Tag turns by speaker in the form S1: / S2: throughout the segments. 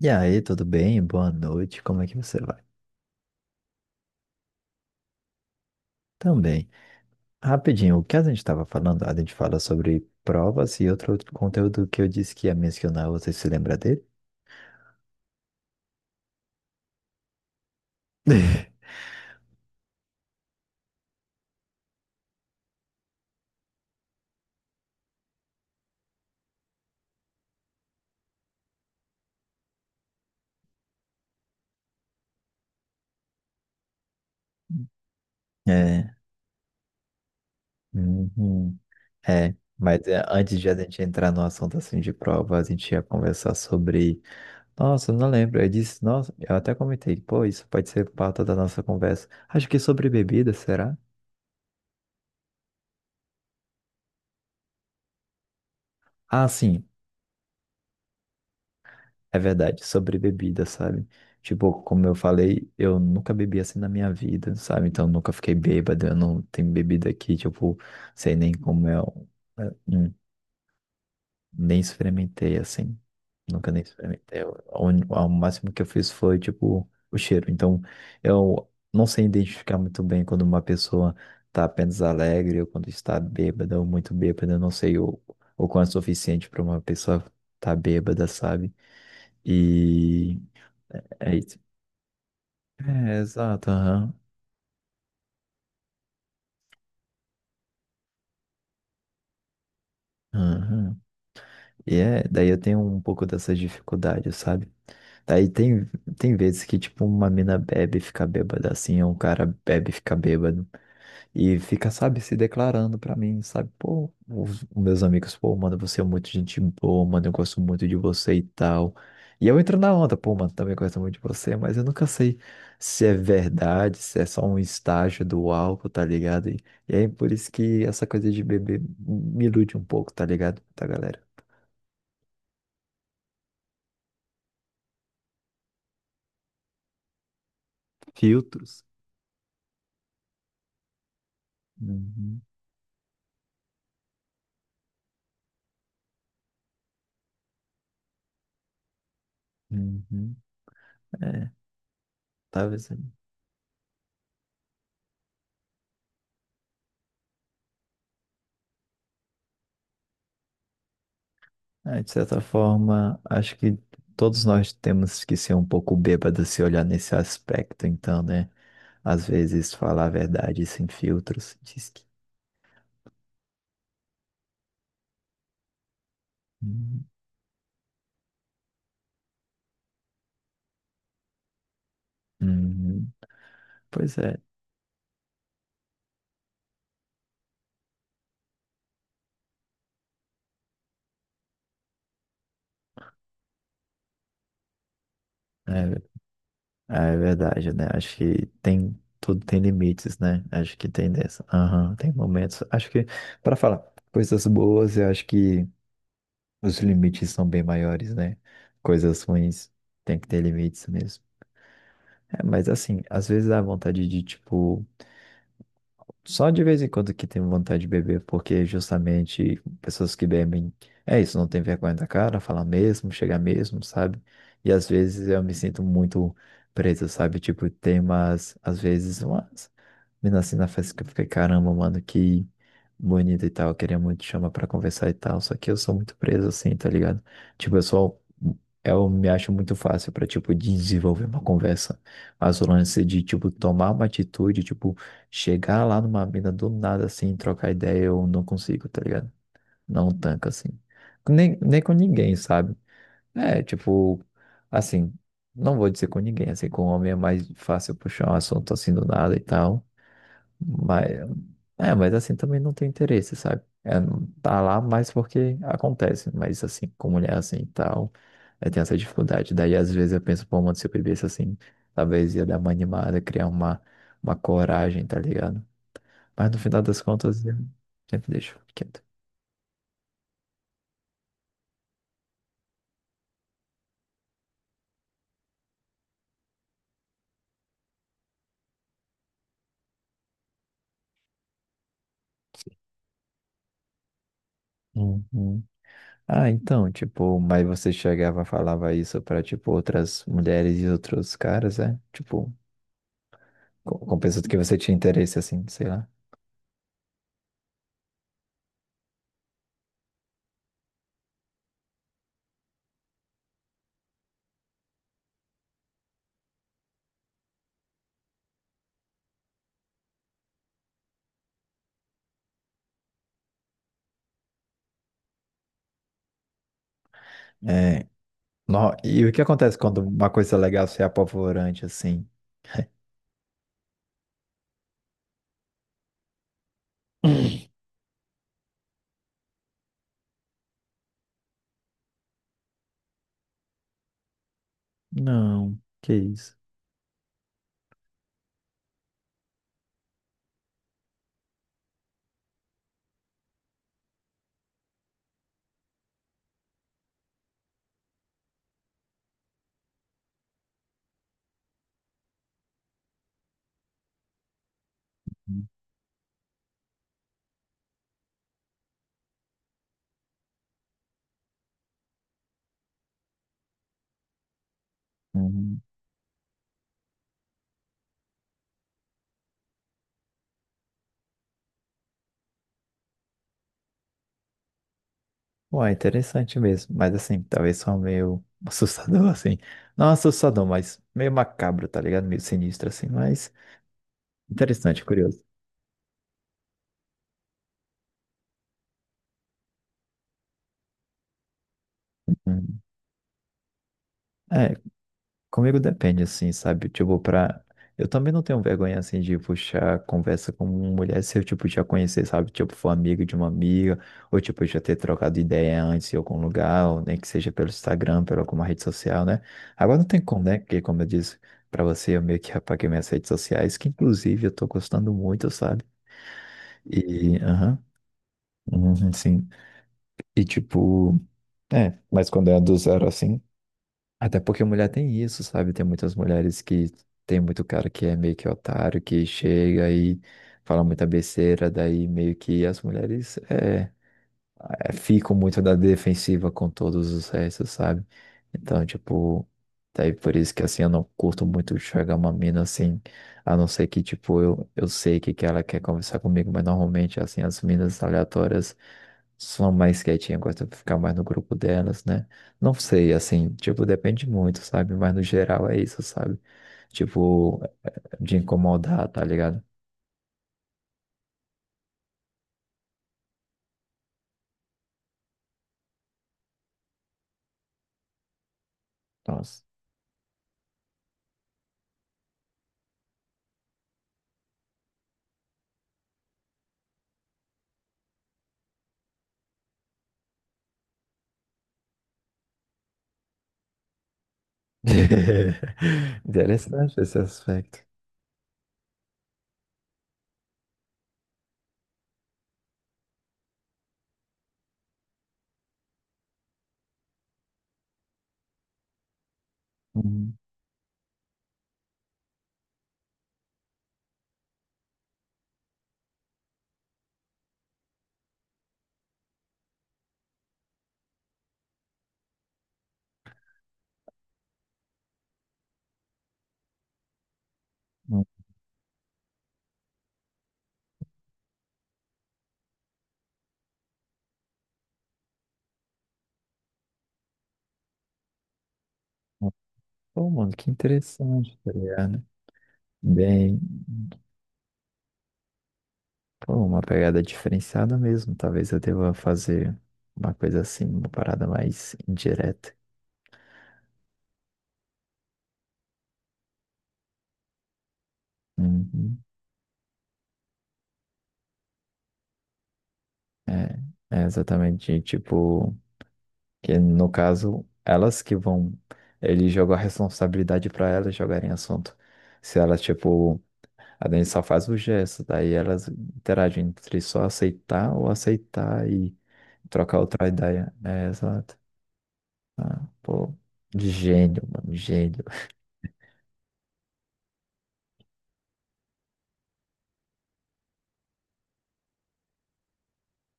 S1: E aí, tudo bem? Boa noite, como é que você vai? Também. Rapidinho, o que a gente estava falando? A gente fala sobre provas e outro conteúdo que eu disse que ia mencionar, você se lembra dele? É, uhum, Antes de a gente entrar no assunto assim de prova, a gente ia conversar sobre. Nossa, eu não lembro. Eu disse, nossa, eu até comentei, pô, isso pode ser pauta da nossa conversa. Acho que sobre bebida, será? Ah, sim. É verdade, sobre bebida, sabe? Tipo, como eu falei, eu nunca bebi assim na minha vida, sabe? Então eu nunca fiquei bêbado, eu não tenho bebida aqui, tipo, sei nem como é, é, um- nem experimentei assim. Nunca nem experimentei. Eu- a O máximo que eu fiz foi, tipo, o cheiro. Então eu não sei identificar muito bem quando uma pessoa tá apenas alegre ou quando está bêbada ou muito bêbada. Eu não sei o quanto é suficiente para uma pessoa estar tá bêbada, sabe? E. É isso. É, exato, aham. Aham. E é, daí eu tenho um pouco dessas dificuldades, sabe? Daí tem, Tem vezes que, tipo, uma mina bebe e fica bêbada, assim, ou um cara bebe e fica bêbado. E fica, sabe, se declarando pra mim, sabe? Pô, os meus amigos, pô, mano, você é muito gente boa, mano, eu gosto muito de você e tal. E eu entro na onda, pô, mano, também gosto muito de você, mas eu nunca sei se é verdade, se é só um estágio do álcool, tá ligado? E aí por isso que essa coisa de beber me ilude um pouco, tá ligado? Tá, galera? Filtros. Uhum, uhum, é, talvez. É, de certa forma, acho que todos nós temos que ser um pouco bêbados se olhar nesse aspecto, então, né? Às vezes falar a verdade sem filtros. Diz que... Hum, hum, pois é, é, é verdade, né? Acho que tem tudo tem limites, né? Acho que tem dessa. Aham, tem momentos. Acho que para falar coisas boas, eu acho que os limites são bem maiores, né? Coisas ruins tem que ter limites mesmo. É, mas assim, às vezes dá vontade de, tipo, só de vez em quando que tenho vontade de beber, porque justamente pessoas que bebem, é isso, não tem vergonha da cara, falar mesmo, chegar mesmo, sabe? E às vezes eu me sinto muito preso, sabe? Tipo, tem umas, às vezes, uma menina, assim, na festa que eu fiquei, caramba, mano, que bonito e tal. Eu queria muito chamar pra conversar e tal. Só que eu sou muito preso, assim, tá ligado? Tipo, eu sou. Eu me acho muito fácil pra, tipo, desenvolver uma conversa. Mas o lance de, tipo, tomar uma atitude, tipo, chegar lá numa mina do nada, assim, trocar ideia, eu não consigo, tá ligado? Não tanca, assim. Nem com ninguém, sabe? É, tipo, assim, não vou dizer com ninguém, assim, com um homem é mais fácil puxar um assunto assim do nada e tal. Mas, é, mas assim também não tem interesse, sabe? É, não tá lá mais porque acontece, mas assim, com mulher assim e tal, é, tem essa dificuldade. Daí às vezes eu penso, pô, mano, se eu bebesse assim, talvez ia dar uma animada, criar uma coragem, tá ligado? Mas no final das contas, eu sempre deixo quieto. Uhum. Ah, então, tipo, mas você chegava e falava isso pra, tipo, outras mulheres e outros caras, é? Tipo, com pessoas que você tinha interesse, assim, sei lá. É, Nó- e o que acontece quando uma coisa legal se é apavorante assim? Não, que isso. Uhum. Ué, interessante mesmo, mas assim, talvez só meio assustador assim. Não assustador, mas meio macabro, tá ligado? Meio sinistro assim, mas interessante, curioso. Uhum. É, comigo depende, assim, sabe? Tipo, pra. Eu também não tenho vergonha, assim, de puxar conversa com uma mulher se eu, tipo, já conhecer, sabe? Tipo, for amigo de uma amiga, ou, tipo, já ter trocado ideia antes em algum lugar, ou nem que seja pelo Instagram, pela alguma rede social, né? Agora não tem como, né? Porque, como eu disse pra você, eu meio que apaguei minhas redes sociais, que, inclusive, eu tô gostando muito, sabe? E, aham, uhum, sim. E, tipo, é, mas quando é do zero, assim. Até porque mulher tem isso, sabe? Tem muito cara que é meio que otário, que chega e fala muita besteira, daí meio que as mulheres. É, fico muito na defensiva com todos os restos, sabe? Então, tipo, daí por isso que assim eu não curto muito chegar uma mina assim, a não ser que, tipo, eu sei que ela quer conversar comigo, mas normalmente, assim, as minas aleatórias são mais quietinhas, gostam de ficar mais no grupo delas, né? Não sei, assim, tipo, depende muito, sabe? Mas no geral é isso, sabe? Tipo, de incomodar, tá ligado? Nossa. Interessante esse aspecto. Uhum. Pô, mano, que interessante, tá ligado? Bem, pô, uma pegada diferenciada mesmo. Talvez eu deva fazer uma coisa assim, uma parada mais indireta. Uhum. É, é exatamente, tipo, que no caso, elas que vão, ele jogou a responsabilidade para elas jogarem assunto. Se elas, tipo, a gente só faz o gesto, daí elas interagem entre só aceitar ou aceitar e trocar outra ideia. É, exato. Ah, pô, de gênio, mano, gênio.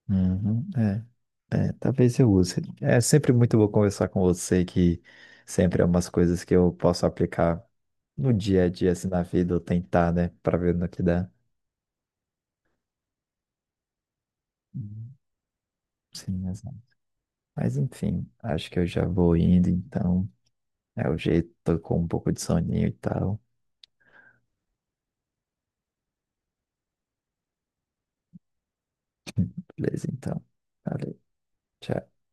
S1: Uhum, é, talvez eu use. É sempre muito bom conversar com você, que sempre é umas coisas que eu posso aplicar no dia a dia, assim, na vida, ou tentar, né, pra ver no que dá. Uhum, sim, exato. Mas enfim, acho que eu já vou indo, então. É o jeito, tô com um pouco de soninho e tal. Beleza, então. Valeu, tchau.